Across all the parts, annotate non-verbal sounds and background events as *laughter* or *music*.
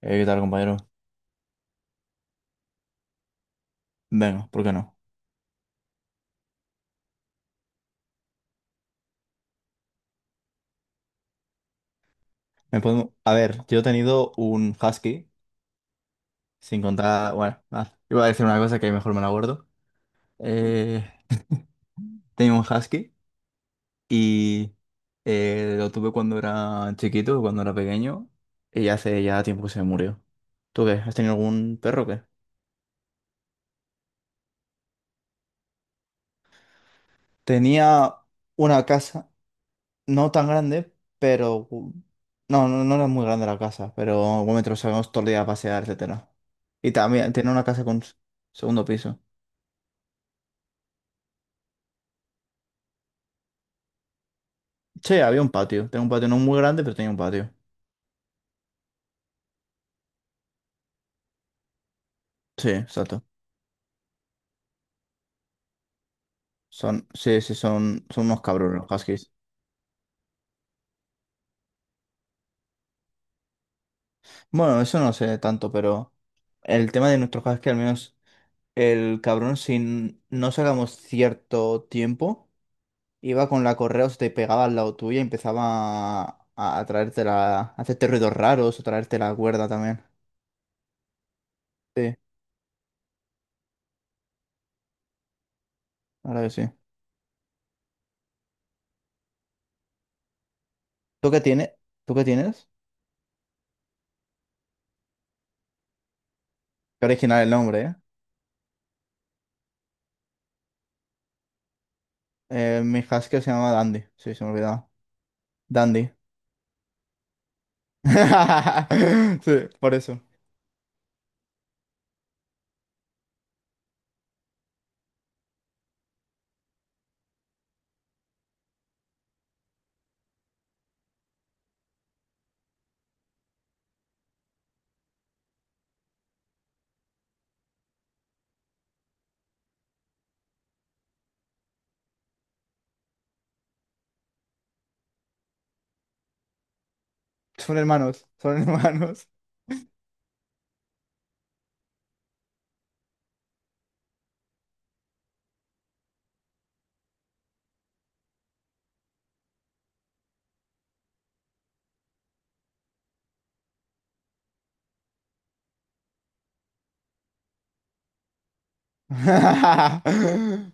¿qué tal, compañero? Venga, ¿por qué no? Me puedo... A ver, yo he tenido un husky, sin contar... Bueno, nada, iba a decir una cosa que mejor me la guardo. Eh, Tenía un husky y lo tuve cuando era chiquito, cuando era pequeño, y hace ya tiempo que se murió. ¿Tú qué? ¿Has tenido algún perro o qué? Tenía una casa. No tan grande, pero... no era muy grande la casa, pero un metro salíamos todo el día a pasear, etcétera. Y también tiene una casa con segundo piso. Sí, había un patio. Tenía un patio no muy grande, pero tenía un patio. Sí, exacto. Son, sí, sí, son unos cabrones los huskies. Bueno, eso no sé tanto, pero el tema de nuestros huskies, al menos el cabrón, si no sacamos cierto tiempo. Iba con la correa, o se te pegaba al lado tuyo y empezaba a a hacerte ruidos raros o traerte la cuerda también. Sí, ahora que sí. ¿Tú qué tienes? ¿Tú qué tienes? Qué original el nombre, ¿eh? Mi husky se llama Dandy. Sí, se me olvidaba. Dandy. *laughs* Sí, por eso. Son hermanos, son hermanos. *laughs*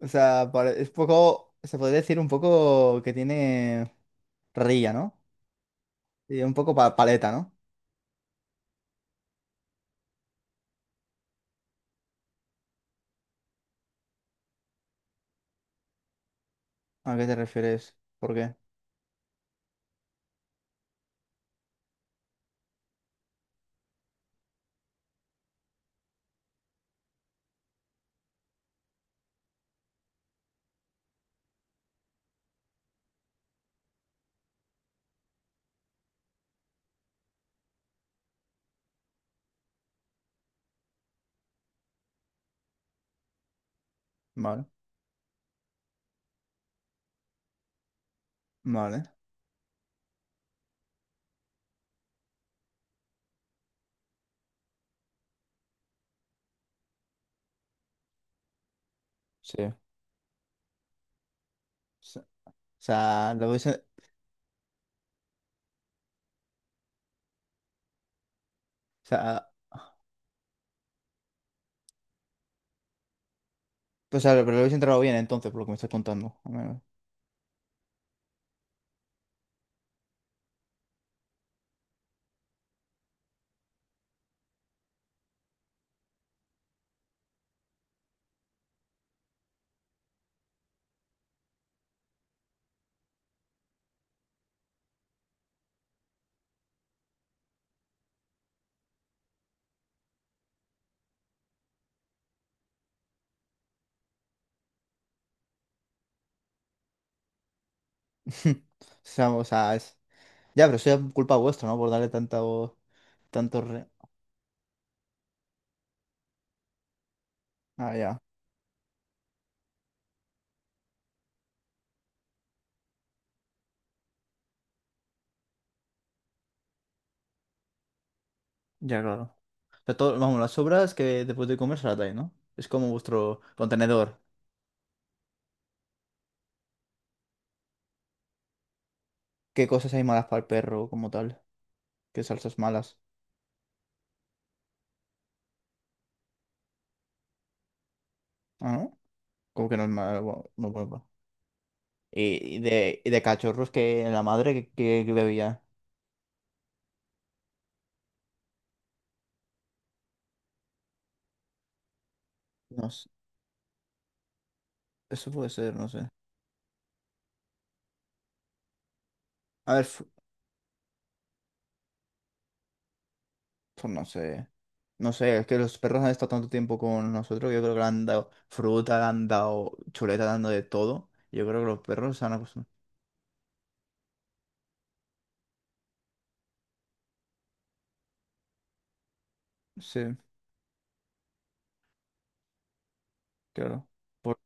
O sea, es poco, se podría decir un poco que tiene rilla, ¿no? Y un poco paleta, ¿no? ¿A qué te refieres? ¿Por qué? Vale. Vale. Sí. O sea, o sea, pero lo hubiese entrado bien entonces, por lo que me estás contando, al menos. *laughs* O sea, es... Ya, pero eso ya es culpa vuestra, ¿no? Por darle tanto, tanto re... Ah, ya. Ya, claro. O sea, todo, vamos, las sobras que después de comer se las dais, ¿no? Es como vuestro contenedor. ¿Qué cosas hay malas para el perro como tal? ¿Qué salsas malas? Ah, ¿no? Como que no es malo, no pues, bueno. Y, y de cachorros que la madre que, que bebía. No sé, eso puede ser, no sé. A ver. Pues no sé. No sé, es que los perros han estado tanto tiempo con nosotros que yo creo que le han dado fruta, le han dado chuleta, le han dado de todo. Yo creo que los perros se han acostumbrado. Sí, claro. ¿Por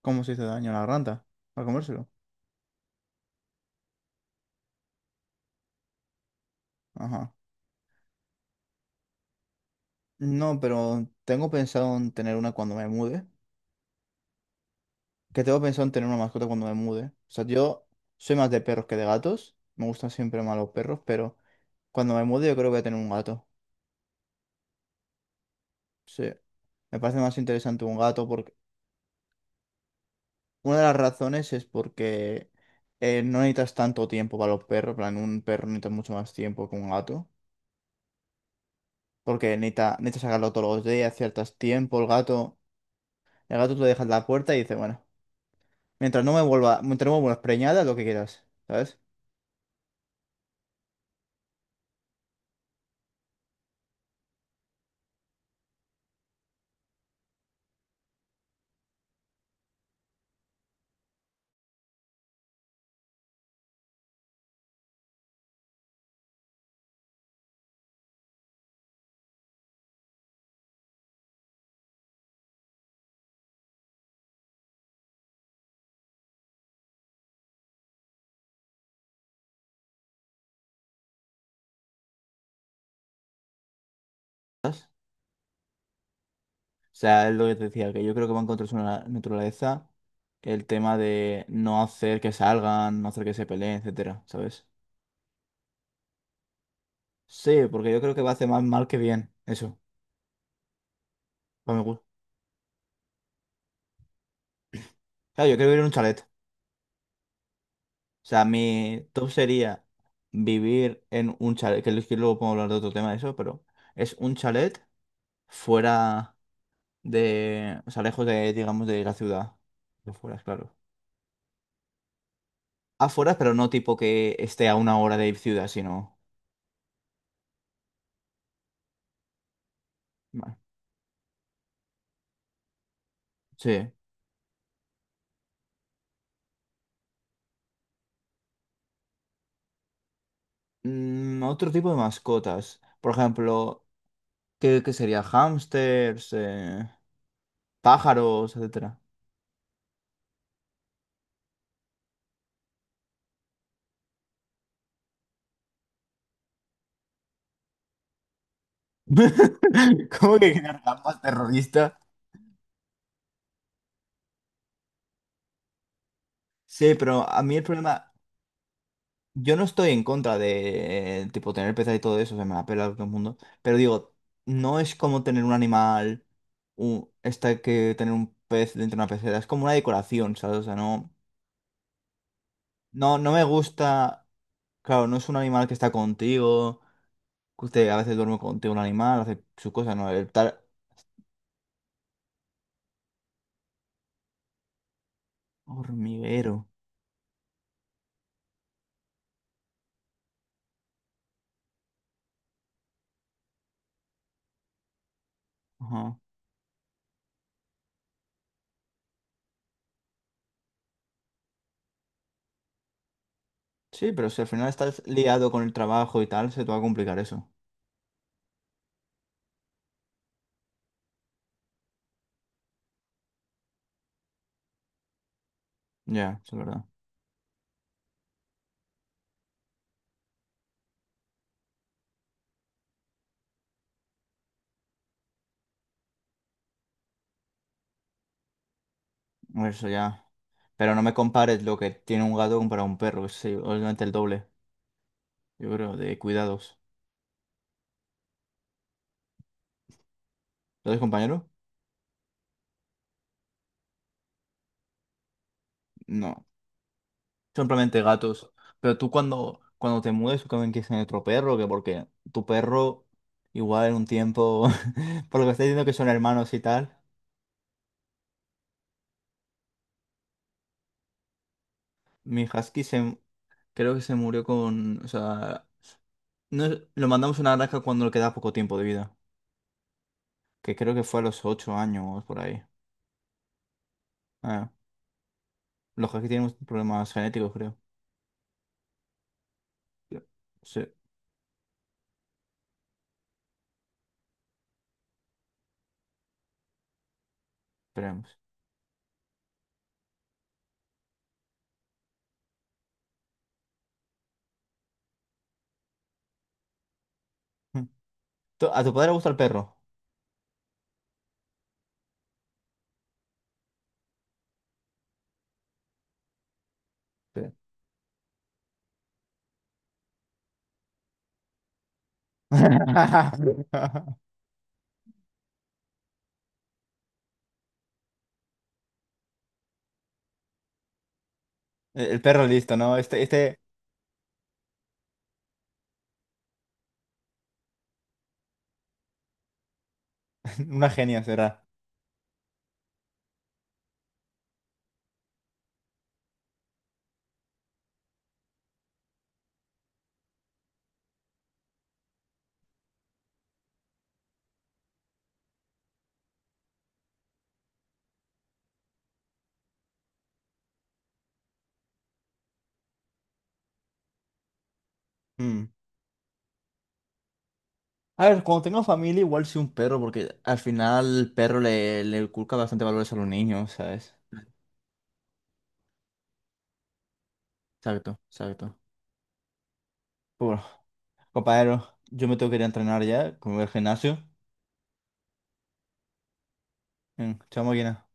cómo se hizo daño a la rata? ¿Para comérselo? Ajá. No, pero tengo pensado en tener una cuando me mude. Que tengo pensado en tener una mascota cuando me mude. O sea, yo soy más de perros que de gatos. Me gustan siempre más los perros, pero cuando me mude yo creo que voy a tener un gato. Sí. Me parece más interesante un gato porque... Una de las razones es porque no necesitas tanto tiempo para los perros, en plan, un perro necesita mucho más tiempo que un gato, porque necesita, necesitas sacarlo todos los días, ciertos tiempos, el gato tú le dejas la puerta y dice, bueno, mientras no me vuelvas preñada, lo que quieras, ¿sabes? ¿Sabes? O sea, es lo que te decía, que yo creo que va en contra de su naturaleza el tema de no hacer que salgan, no hacer que se peleen, etcétera, ¿sabes? Sí, porque yo creo que va a hacer más mal que bien, eso, para mi gusto. Claro, yo quiero vivir en un chalet. O sea, mi top sería vivir en un chalet, que luego podemos hablar de otro tema de eso, pero es un chalet fuera de, o sea, lejos de, digamos, de la ciudad. Afuera, claro. Afuera, pero no tipo que esté a una hora de ciudad, sino... Vale. Sí. Mm, otro tipo de mascotas. Por ejemplo, qué sería? Hámsters, pájaros, etcétera. *laughs* ¿Cómo que quedar más terrorista? Sí, pero a mí el problema... Yo no estoy en contra de, tipo, tener peces y todo eso, se me la pela todo el mundo. Pero digo, no es como tener un animal, esta que tener un pez dentro de una pecera, es como una decoración, ¿sabes? O sea, no, no me gusta, claro, no es un animal que está contigo, que usted a veces duerme contigo un animal, hace sus cosas, ¿no? El tal hormiguero. Ajá. Sí, pero si al final estás liado con el trabajo y tal, se te va a complicar eso. Ya, eso es verdad. Eso ya. Pero no me compares lo que tiene un gato para un perro, es obviamente el doble, yo creo, de cuidados. ¿Lo ves, compañero? No. Simplemente gatos. Pero tú cuando, cuando te mudes, tú también quieres tener otro perro, que porque tu perro, igual en un tiempo, *laughs* por lo que estás diciendo que son hermanos y tal, mi husky se, creo que se murió con, o sea, no es- lo mandamos a una granja cuando le queda poco tiempo de vida, que creo que fue a los 8 años por ahí. Ah, los huskies tienen problemas genéticos, creo. Sí, esperemos. Tu- A tu padre le gusta el perro. Sí. *laughs* El perro listo, ¿no? Este, *laughs* una genia será. Mm. A ver, cuando tengo familia, igual sí un perro, porque al final el perro le, le inculca bastante valores a los niños, ¿sabes? Exacto, exacto. Pero bueno, compañero, yo me tengo que ir a entrenar ya, como el gimnasio. Mm, chao, máquina.